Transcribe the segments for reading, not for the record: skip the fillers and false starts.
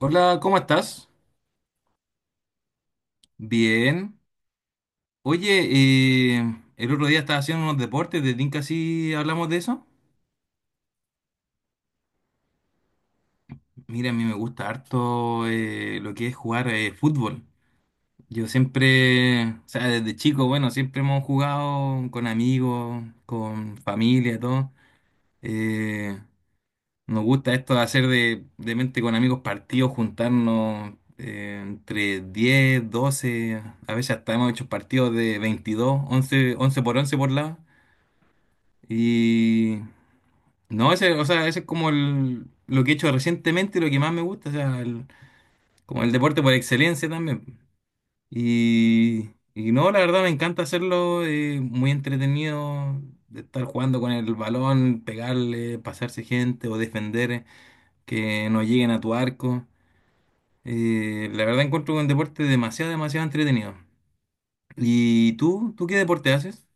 Hola, ¿cómo estás? Bien. Oye, el otro día estaba haciendo unos deportes, ¿te tinca si hablamos de eso? Mira, a mí me gusta harto lo que es jugar fútbol. Yo siempre, o sea, desde chico, bueno, siempre hemos jugado con amigos, con familia, todo. Eh, nos gusta esto de hacer de mente con amigos partidos, juntarnos entre 10, 12, a veces hasta hemos hecho partidos de 22, 11, 11 por 11 por lado. Y no, ese, o sea, ese es como el, lo que he hecho recientemente, y lo que más me gusta, o sea, como el deporte por excelencia también. Y no, la verdad me encanta hacerlo, muy entretenido, de estar jugando con el balón, pegarle, pasarse gente o defender, que no lleguen a tu arco. La verdad encuentro un deporte demasiado, demasiado entretenido. ¿Y tú? ¿Tú qué deporte haces?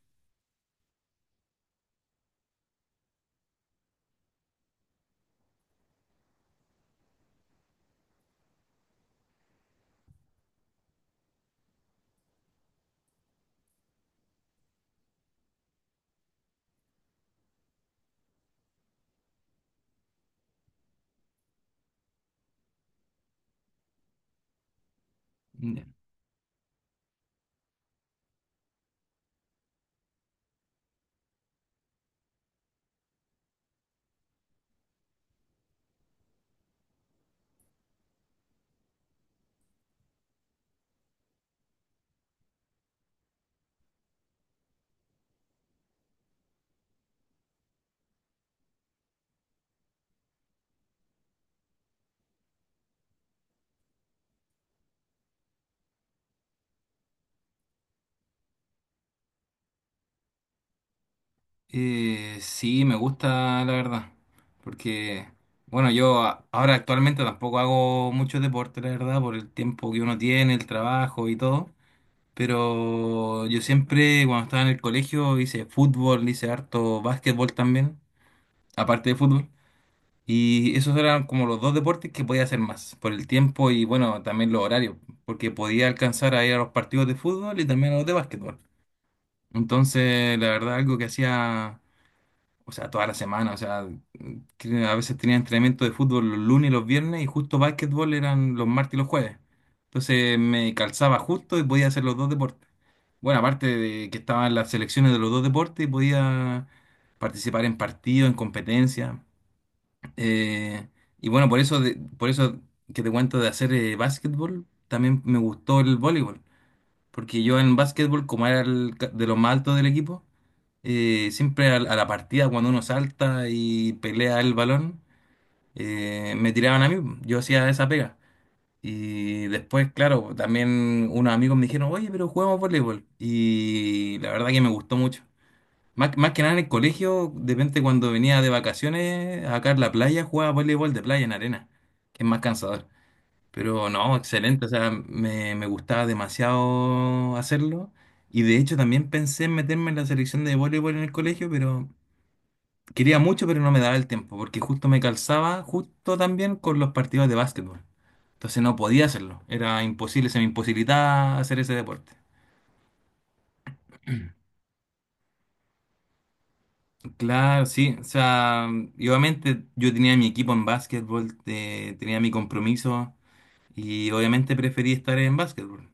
Sí, me gusta, la verdad. Porque, bueno, ahora actualmente tampoco hago mucho deporte, la verdad, por el tiempo que uno tiene, el trabajo y todo. Pero yo siempre, cuando estaba en el colegio, hice fútbol, hice harto básquetbol también, aparte de fútbol. Y esos eran como los dos deportes que podía hacer más, por el tiempo y, bueno, también los horarios, porque podía alcanzar a ir a los partidos de fútbol y también a los de básquetbol. Entonces, la verdad, algo que hacía o sea, toda la semana, o sea, a veces tenía entrenamiento de fútbol los lunes y los viernes y justo básquetbol eran los martes y los jueves. Entonces me calzaba justo y podía hacer los dos deportes. Bueno, aparte de que estaban las selecciones de los dos deportes, podía participar en partidos, en competencias. Eh, y bueno, por eso, por eso que te cuento de hacer básquetbol, también me gustó el voleibol. Porque yo en básquetbol, como era de los más altos del equipo, siempre la partida, cuando uno salta y pelea el balón, me tiraban a mí. Yo hacía esa pega. Y después, claro, también unos amigos me dijeron, oye, pero juguemos voleibol. Y la verdad que me gustó mucho. Más que nada en el colegio, de repente cuando venía de vacaciones, acá en la playa, jugaba voleibol de playa en arena, que es más cansador. Pero no, excelente, o sea, me gustaba demasiado hacerlo. Y de hecho también pensé en meterme en la selección de voleibol en el colegio, pero quería mucho, pero no me daba el tiempo, porque justo me calzaba justo también con los partidos de básquetbol. Entonces no podía hacerlo, era imposible, se me imposibilitaba hacer ese deporte. Claro, sí, o sea, y obviamente yo tenía mi equipo en básquetbol, tenía mi compromiso y obviamente preferí estar en básquetbol.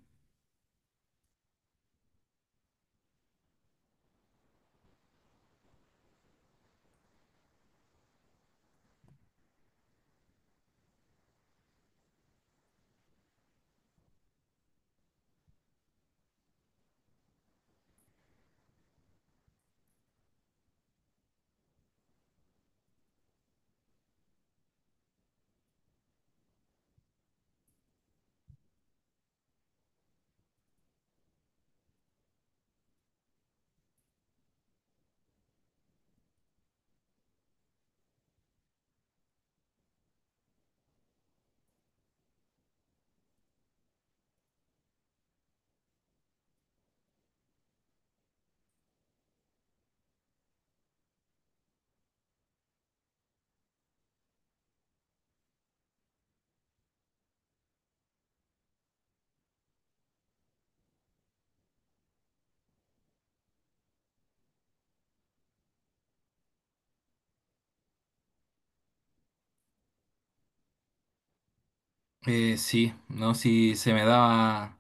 Sí, no, si se me daba.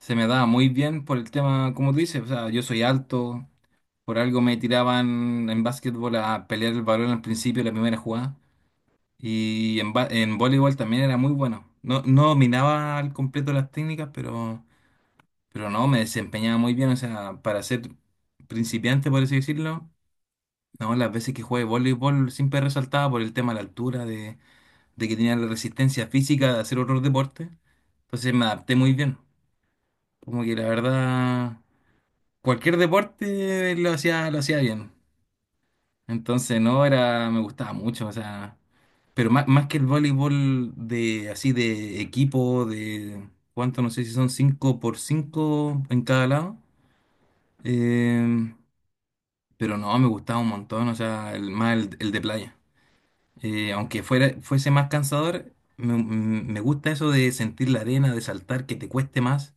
Se me daba muy bien por el tema, como tú dices, o sea, yo soy alto, por algo me tiraban en básquetbol a pelear el balón al principio de la primera jugada, y en voleibol también era muy bueno. No dominaba al completo las técnicas, pero no, me desempeñaba muy bien, o sea, para ser principiante, por así decirlo, no, las veces que jugué voleibol siempre resaltaba por el tema de la altura, de que tenía la resistencia física de hacer otros deportes, entonces me adapté muy bien, como que la verdad cualquier deporte lo hacía bien. Entonces, no, era, me gustaba mucho, o sea, pero más que el voleibol de, así, de equipo, de, ¿cuánto? No sé si son 5 por 5 en cada lado. Eh, pero no, me gustaba un montón, o sea, más el de playa. Aunque fuera, fuese más cansador, me gusta eso de sentir la arena, de saltar, que te cueste más.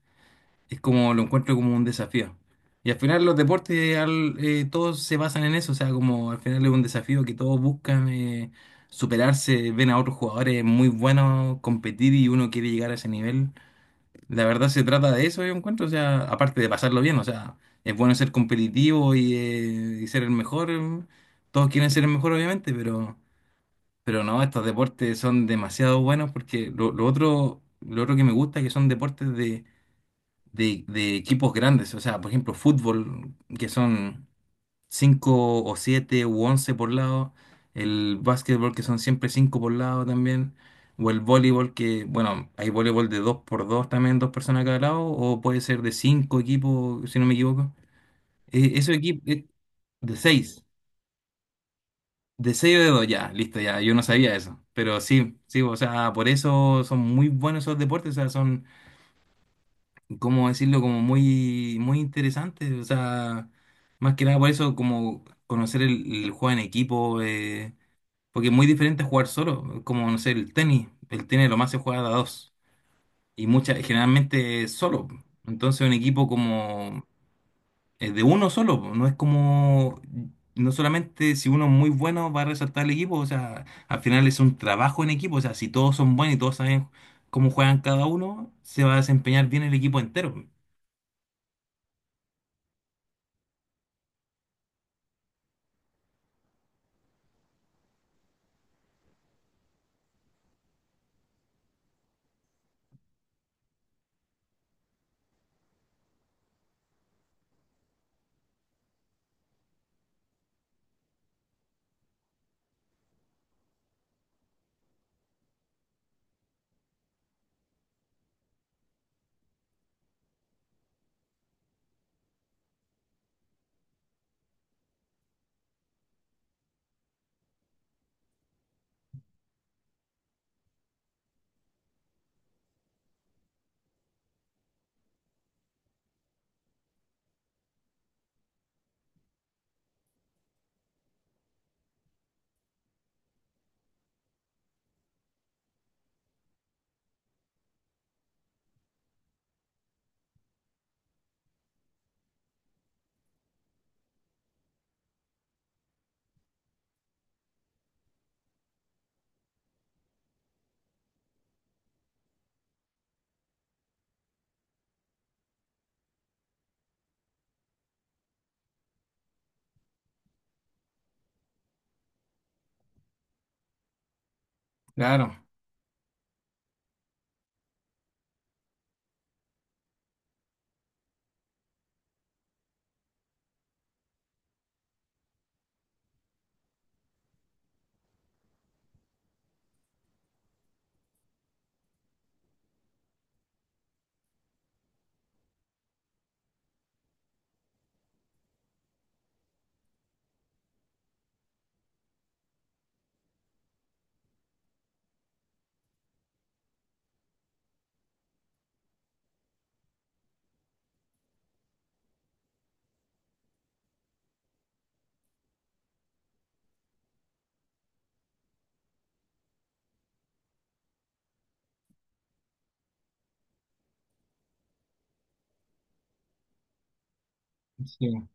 Es como lo encuentro como un desafío. Y al final los deportes todos se basan en eso, o sea, como al final es un desafío que todos buscan superarse, ven a otros jugadores muy buenos competir y uno quiere llegar a ese nivel. La verdad se trata de eso, yo encuentro, o sea, aparte de pasarlo bien, o sea, es bueno ser competitivo y ser el mejor. Todos quieren ser el mejor, obviamente, pero no, estos deportes son demasiado buenos porque lo otro que me gusta es que son deportes de de equipos grandes, o sea, por ejemplo, fútbol, que son 5 o 7 u 11 por lado, el básquetbol, que son siempre 5 por lado también, o el voleibol, que, bueno, hay voleibol de 2 por 2 también, dos personas cada lado, o puede ser de 5 equipos, si no me equivoco. Esos equipos, de 6 de 6 o de 2 ya, listo, ya, yo no sabía eso, pero sí, sí, o sea, por eso son muy buenos esos deportes, o sea, son ¿cómo decirlo? Como muy, muy interesante. O sea, más que nada por eso, como conocer el juego en equipo, porque es muy diferente a jugar solo. Como, no sé, el tenis. El tenis lo más se juega de a dos. Y muchas, generalmente solo. Entonces un equipo como es de uno solo. Po, no es como, no solamente si uno es muy bueno va a resaltar el equipo. O sea, al final es un trabajo en equipo. O sea, si todos son buenos y todos saben cómo juegan cada uno, se va a desempeñar bien el equipo entero. Claro. Sí,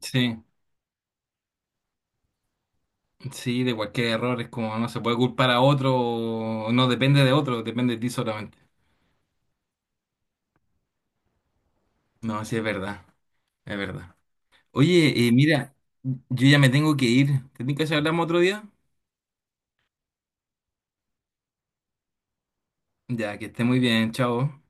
sí, sí, de cualquier error es como no se puede culpar a otro, o no depende de otro, depende de ti solamente. No, sí, es verdad, es verdad. Oye, mira, yo ya me tengo que ir. ¿Te que si hablamos otro día? Ya, que esté muy bien, chao.